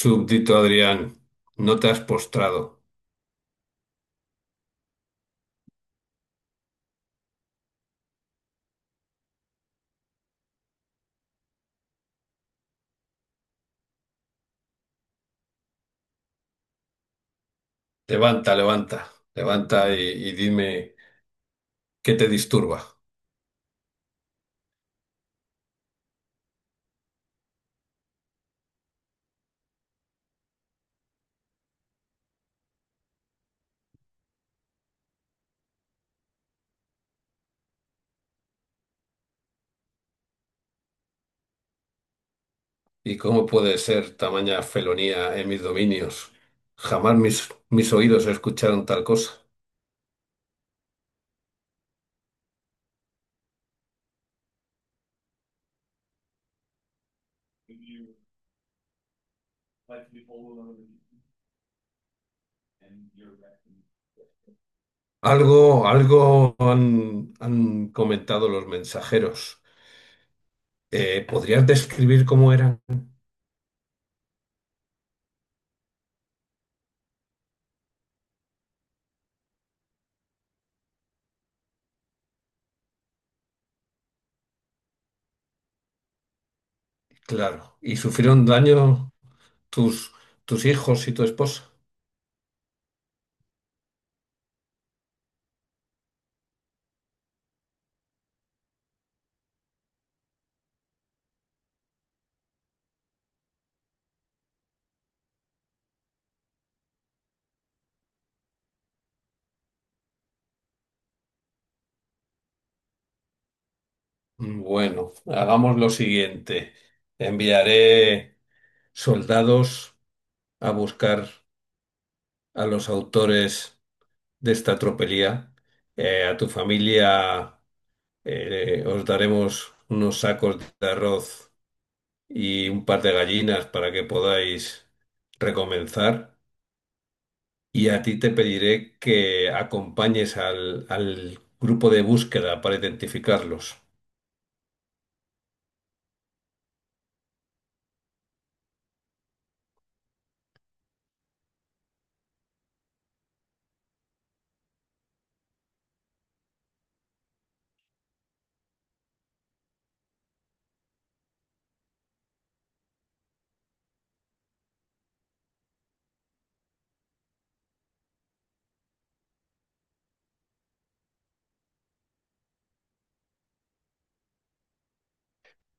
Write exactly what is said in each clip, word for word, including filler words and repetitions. Súbdito Adrián, no te has postrado. Levanta, levanta, levanta y, y dime qué te disturba. Y cómo puede ser tamaña felonía en mis dominios. Jamás mis, mis oídos escucharon tal cosa. Algo, algo han, han comentado los mensajeros. Eh, ¿podrías describir cómo eran? Claro. ¿Y sufrieron daño tus, tus hijos y tu esposa? Bueno, hagamos lo siguiente. Enviaré soldados a buscar a los autores de esta tropelía. Eh, a tu familia eh, os daremos unos sacos de arroz y un par de gallinas para que podáis recomenzar. Y a ti te pediré que acompañes al, al grupo de búsqueda para identificarlos.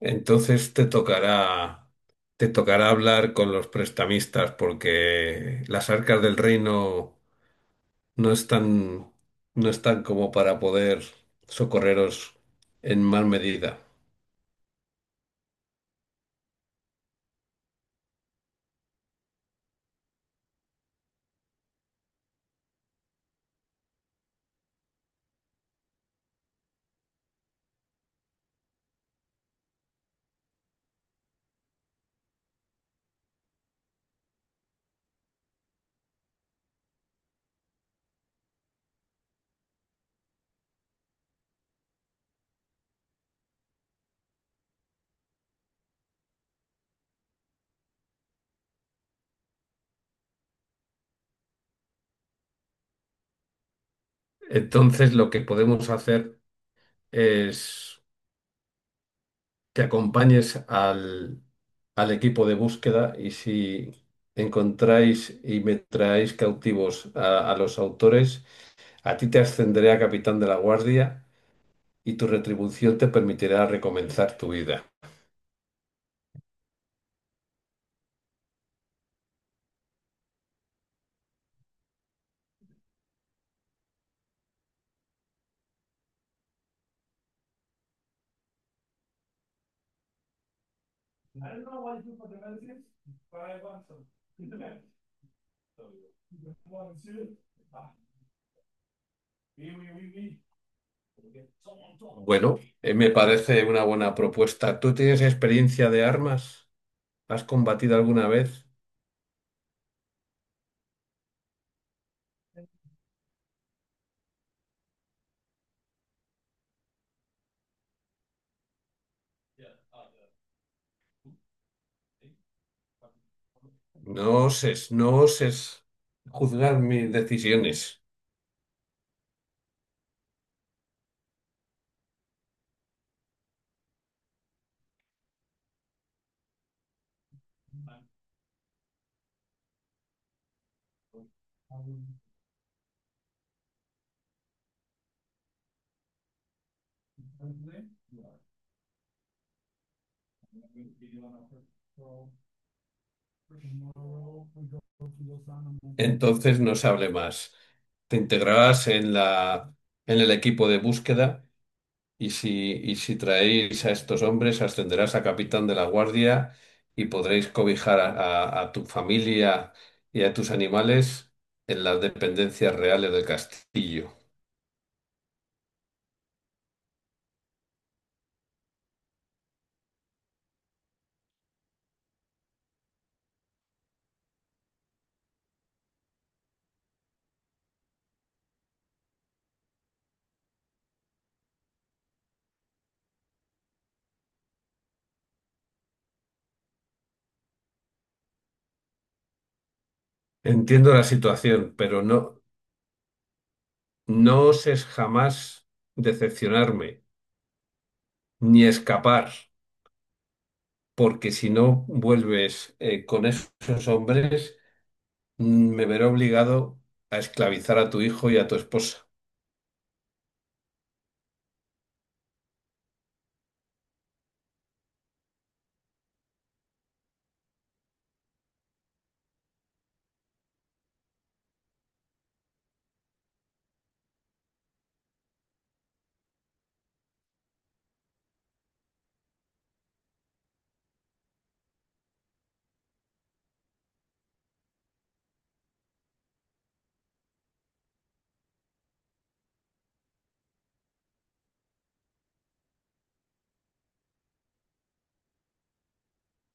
Entonces te tocará. Te tocará hablar con los prestamistas porque las arcas del reino no están, no están como para poder socorreros en mal medida. Entonces, lo que podemos hacer es que acompañes al, al equipo de búsqueda, y si encontráis y me traéis cautivos a, a los autores, a ti te ascenderé a capitán de la guardia y tu retribución te permitirá recomenzar tu vida. Bueno, eh, me parece una buena propuesta. ¿Tú tienes experiencia de armas? ¿Has combatido alguna vez? No oses, no oses juzgar mis decisiones. Entonces no se hable más. Te integrarás en la, en el equipo de búsqueda, y si, y si traéis a estos hombres, ascenderás a capitán de la guardia y podréis cobijar a, a- a tu familia y a tus animales en las dependencias reales del castillo. Entiendo la situación, pero no, no oses jamás decepcionarme, ni escapar, porque si no vuelves eh, con esos hombres, mm, me veré obligado a esclavizar a tu hijo y a tu esposa.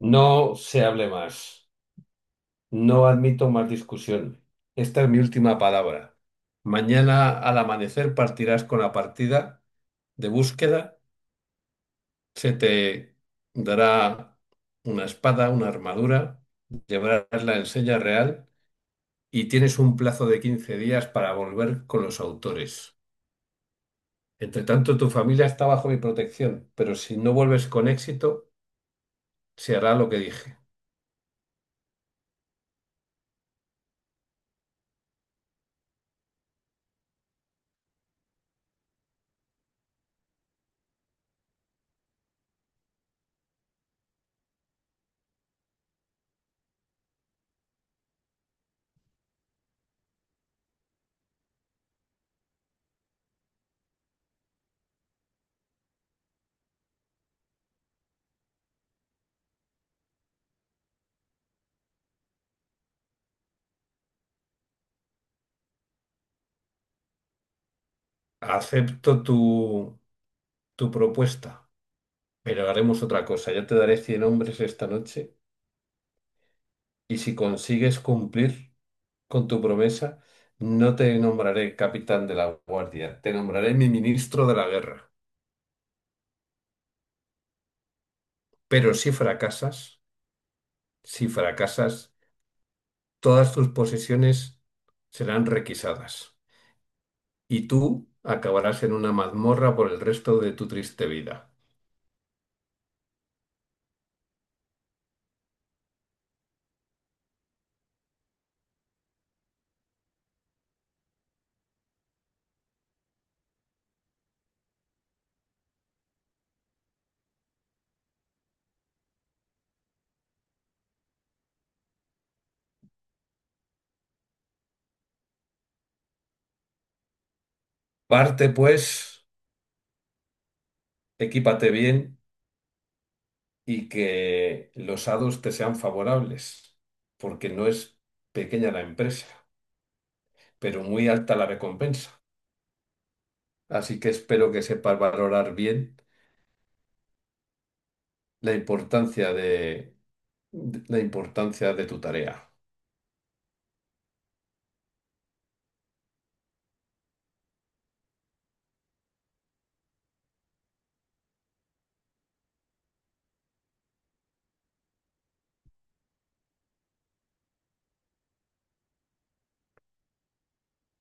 No se hable más, no admito más discusión. Esta es mi última palabra. Mañana al amanecer partirás con la partida de búsqueda, se te dará una espada, una armadura, llevarás la enseña real y tienes un plazo de quince días para volver con los autores. Entre tanto, tu familia está bajo mi protección, pero si no vuelves con éxito, se hará lo que dije. Acepto tu, tu propuesta, pero haremos otra cosa. Yo te daré cien hombres esta noche, y si consigues cumplir con tu promesa, no te nombraré capitán de la guardia, te nombraré mi ministro de la guerra. Pero si fracasas, si fracasas, todas tus posesiones serán requisadas, y tú acabarás en una mazmorra por el resto de tu triste vida. Parte, pues, equípate bien y que los hados te sean favorables, porque no es pequeña la empresa, pero muy alta la recompensa. Así que espero que sepas valorar bien la importancia de, de- la importancia de tu tarea.